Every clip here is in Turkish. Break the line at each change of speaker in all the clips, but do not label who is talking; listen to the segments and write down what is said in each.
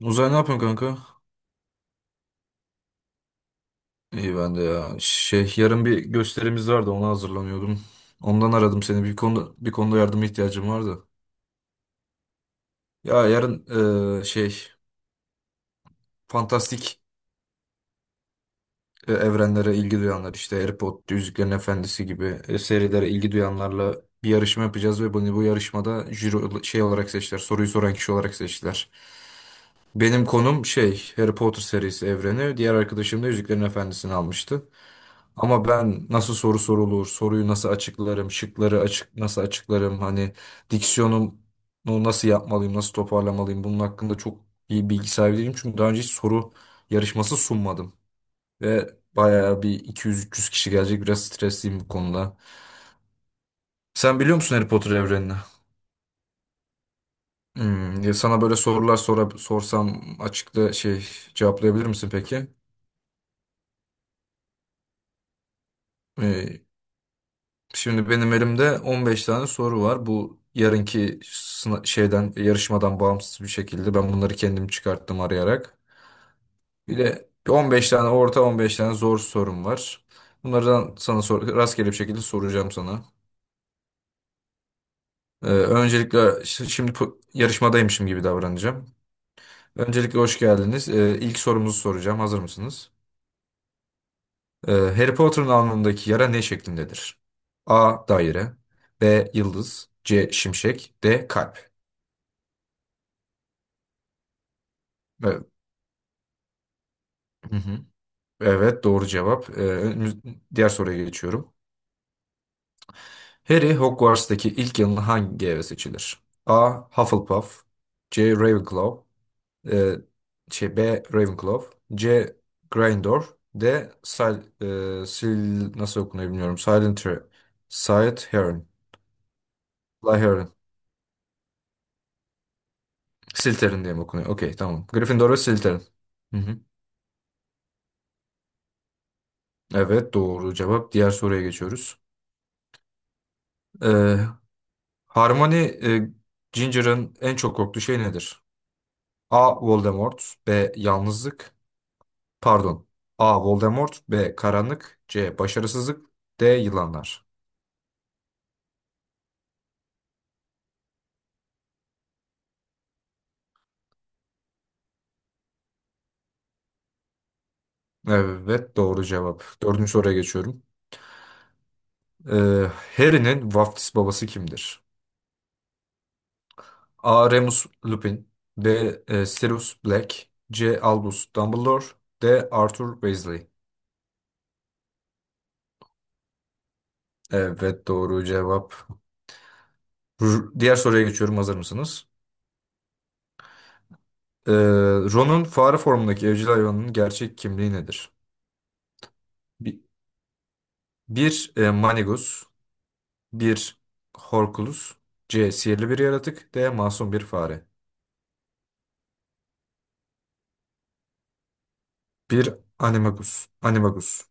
Uzay ne yapıyorsun kanka? İyi ben de ya. Yarın bir gösterimiz vardı, ona hazırlanıyordum. Ondan aradım seni. Bir konuda yardıma ihtiyacım vardı. Ya yarın eee, şey fantastik evrenlere ilgi duyanlar, işte Harry Potter, Yüzüklerin Efendisi gibi serilere ilgi duyanlarla bir yarışma yapacağız ve bunu bu yarışmada jüri olarak seçtiler. Soruyu soran kişi olarak seçtiler. Benim konum Harry Potter serisi evreni. Diğer arkadaşım da Yüzüklerin Efendisi'ni almıştı. Ama ben nasıl soru sorulur, soruyu nasıl açıklarım, şıkları nasıl açıklarım, hani diksiyonumu nasıl yapmalıyım, nasıl toparlamalıyım, bunun hakkında çok iyi bilgi sahibi değilim. Çünkü daha önce hiç soru yarışması sunmadım. Ve bayağı bir 200-300 kişi gelecek, biraz stresliyim bu konuda. Sen biliyor musun Harry Potter evrenini? Ya sana böyle sorular sorsam açıkta cevaplayabilir misin peki? Ee, Şimdi benim elimde 15 tane soru var. Bu yarınki sına- şeyden yarışmadan bağımsız bir şekilde ben bunları kendim çıkarttım arayarak. Bir de 15 tane orta, 15 tane zor sorum var. Bunlardan sana rastgele bir şekilde soracağım sana. Öncelikle şimdi yarışmadaymışım gibi davranacağım. Öncelikle hoş geldiniz. İlk sorumuzu soracağım. Hazır mısınız? Harry Potter'ın alnındaki yara ne şeklindedir? A. Daire, B. Yıldız, C. Şimşek, D. Kalp. Hı hı. Evet doğru cevap. Diğer soruya geçiyorum. Harry Hogwarts'taki ilk yılın hangi eve seçilir? A. Hufflepuff, C. Ravenclaw e, şey, B. Ravenclaw, C. Gryffindor, D. Sil, Sil nasıl okunuyor bilmiyorum. Silent Slytherin. Slytherin. Slytherin diye mi okunuyor? Okey tamam. Gryffindor ve Slytherin. Hı hı. Evet doğru cevap. Diğer soruya geçiyoruz. Ee, Harmony Ginger'ın en çok korktuğu şey nedir? A. Voldemort B. Yalnızlık Pardon. A. Voldemort, B. Karanlık, C. Başarısızlık, D. Yılanlar. Evet doğru cevap. Dördüncü soruya geçiyorum. Ee, Harry'nin vaftiz babası kimdir? A. Remus Lupin, B. Sirius Black, C. Albus Dumbledore, D. Arthur Weasley. Evet doğru cevap. Diğer soruya geçiyorum. Hazır mısınız? Ee, Ron'un fare formundaki evcil hayvanının gerçek kimliği nedir? Bi- Bir, Manigus, bir Horculus, C. Sihirli bir yaratık, D. Masum bir fare. Bir Animagus,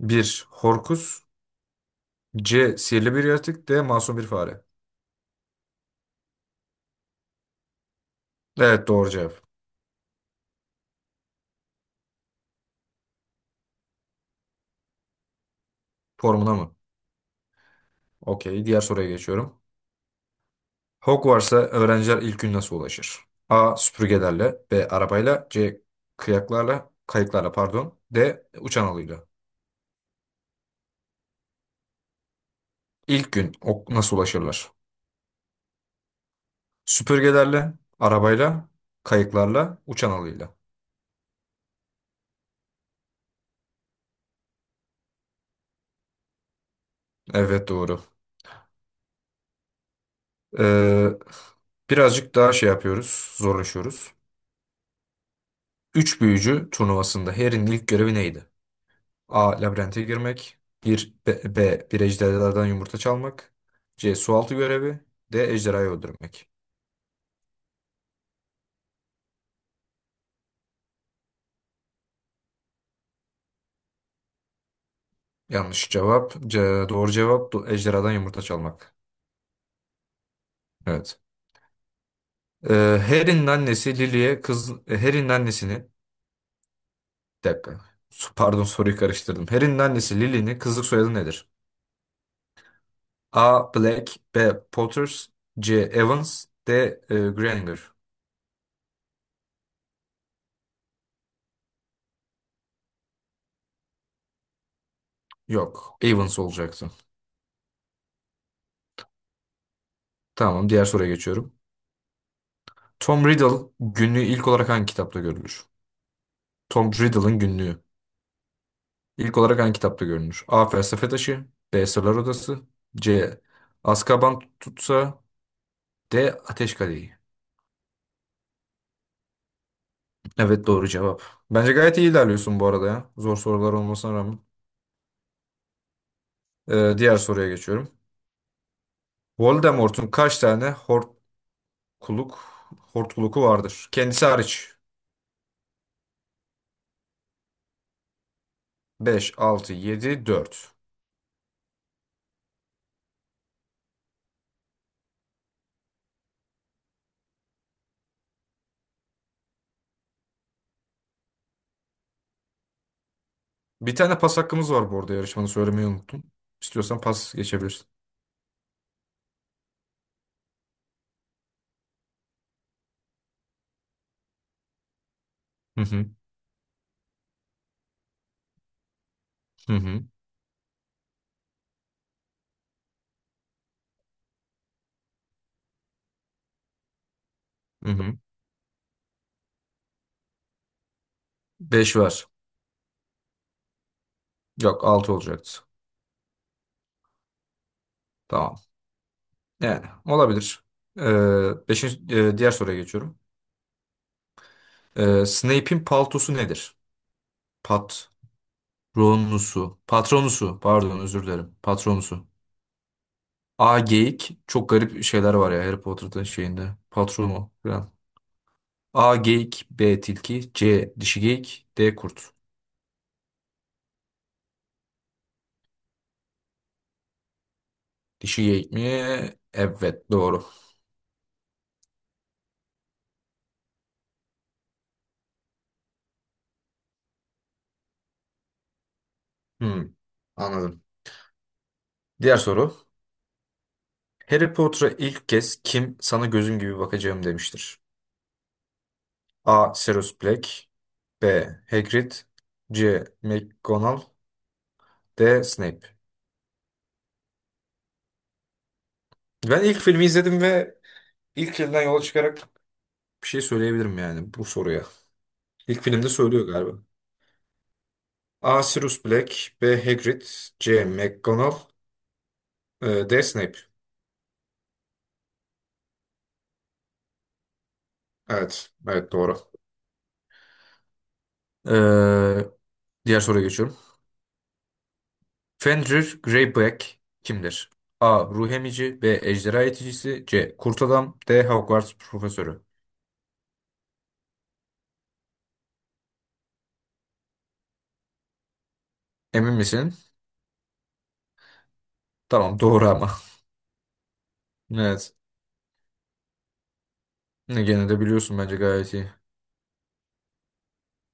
bir Horcus, C. Sihirli bir yaratık, D. Masum bir fare. Evet doğru cevap. Formuna mı? Okey. Diğer soruya geçiyorum. Hogwarts'a öğrenciler ilk gün nasıl ulaşır? A. Süpürgelerle, B. Arabayla, C. Kıyaklarla, kayıklarla pardon, D. Uçan alıyla. İlk gün nasıl ulaşırlar? Süpürgelerle, arabayla, kayıklarla, uçan alıyla. Evet doğru. Ee, birazcık daha şey yapıyoruz, zorlaşıyoruz. Üç büyücü turnuvasında Harry'nin ilk görevi neydi? A. Labirente girmek. Bir, B. B, Bir ejderhalardan yumurta çalmak. C. Sualtı görevi. D. Ejderhayı öldürmek. Yanlış cevap. C, doğru cevap ejderhadan yumurta çalmak. Evet. Ee, Harry'nin annesi Lily'e kız Harry'nin annesini. Bir dakika. Pardon, soruyu karıştırdım. Harry'nin annesi Lily'nin kızlık soyadı nedir? A. Black, B. Potters, C. Evans, D. Granger. Yok. Evans olacaktı. Tamam, diğer soruya geçiyorum. Tom Riddle günlüğü ilk olarak hangi kitapta görülür? Tom Riddle'ın günlüğü ilk olarak hangi kitapta görülür? A. Felsefe Taşı, B. Sırlar Odası, C. Azkaban Tutsa, D. Ateş Kadehi. Evet doğru cevap. Bence gayet iyi ilerliyorsun bu arada ya. Zor sorular olmasına rağmen. Diğer soruya geçiyorum. Voldemort'un kaç tane hortkuluk hortkuluku vardır? Kendisi hariç. Beş, altı, yedi, dört. Bir tane pas hakkımız var bu arada, yarışmanı söylemeyi unuttum. İstiyorsan pas geçebilirsin. Hı hı, hı hı, hı hı. 5 var. Yok, 6 olacaktı. Tamam. Yani olabilir. Diğer soruya geçiyorum. Snape'in paltosu nedir? Patronusu. Patronusu. Pardon, özür dilerim. Patronusu. A geyik. Çok garip şeyler var ya Harry Potter'da, şeyinde. Patronu falan. A geyik, B tilki, C dişi geyik, D kurt. Dişi geyik mi? Evet doğru. Hmm, anladım. Diğer soru. Harry Potter'a ilk kez kim "sana gözüm gibi bakacağım" demiştir? A. Sirius Black, B. Hagrid, C. McGonagall, D. Snape. Ben ilk filmi izledim ve ilk filmden yola çıkarak bir şey söyleyebilirim yani bu soruya. İlk filmde söylüyor galiba. A. Sirius Black, B. Hagrid, C. McGonagall, D. Snape. Evet, evet doğru. Ee, diğer soruya geçiyorum. Fenrir Greyback kimdir? A. Ruh emici, B. Ejderha yeticisi, C. Kurt adam, D. Hogwarts profesörü. Emin misin? Tamam, doğru ama. Evet. Gene de biliyorsun, bence gayet iyi.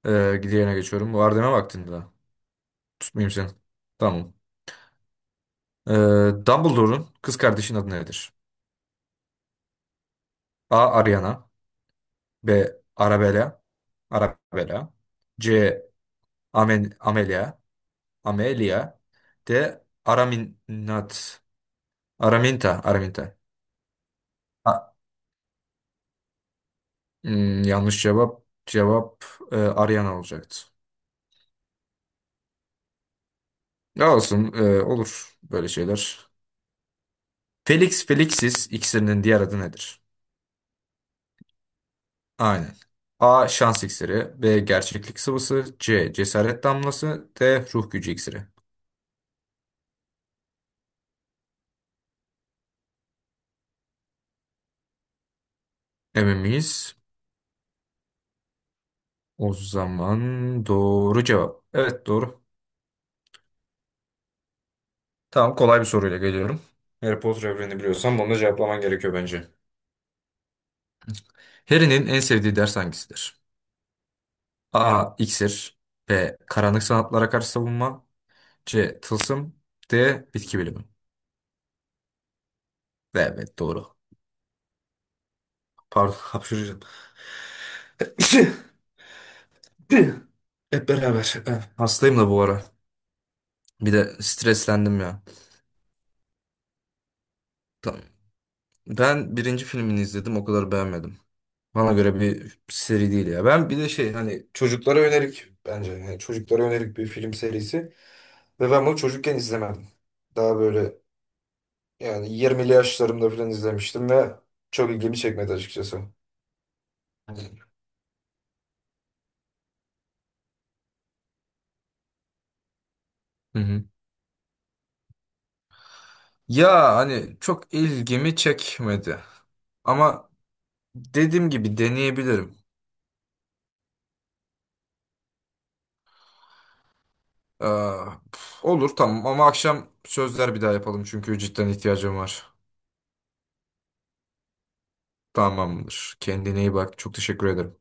Diğerine geçiyorum. Var deme, vaktinde daha. Tutmayayım seni. Tamam. Ee, Dumbledore'un kız kardeşinin adı nedir? A. Ariana, B. Arabella. Arabella. C. Amelia. Amelia. D. Araminat. Araminta. Araminta. A- yanlış cevap. Cevap Ariana olacaktı. Ya olsun. Olur böyle şeyler. Felix Felixis iksirinin diğer adı nedir? Aynen. A. Şans iksiri. B. Gerçeklik sıvısı. C. Cesaret damlası. D. Ruh gücü iksiri. Emin miyiz? O zaman doğru cevap. Evet doğru. Tamam, kolay bir soruyla geliyorum. Harry Potter evrenini biliyorsan bunu da cevaplaman gerekiyor bence. Harry'nin en sevdiği ders hangisidir? A. İksir, B. Karanlık sanatlara karşı savunma, C. Tılsım, D. Bitki bilimi. Evet doğru. Pardon, hapşıracağım. Hep beraber. Hastayım da bu ara. Bir de streslendim ya. Tamam. Ben birinci filmini izledim, o kadar beğenmedim. Bana göre bir seri değil ya. Ben bir de hani çocuklara yönelik, bence yani çocuklara yönelik bir film serisi. Ve ben bunu çocukken izlemedim. Daha böyle, yani 20'li yaşlarımda falan izlemiştim ve çok ilgimi çekmedi açıkçası. Hı hı. Ya hani çok ilgimi çekmedi. Ama dediğim gibi deneyebilirim. Ee, olur tamam, ama akşam sözler bir daha yapalım, çünkü cidden ihtiyacım var. Tamamdır. Kendine iyi bak. Çok teşekkür ederim.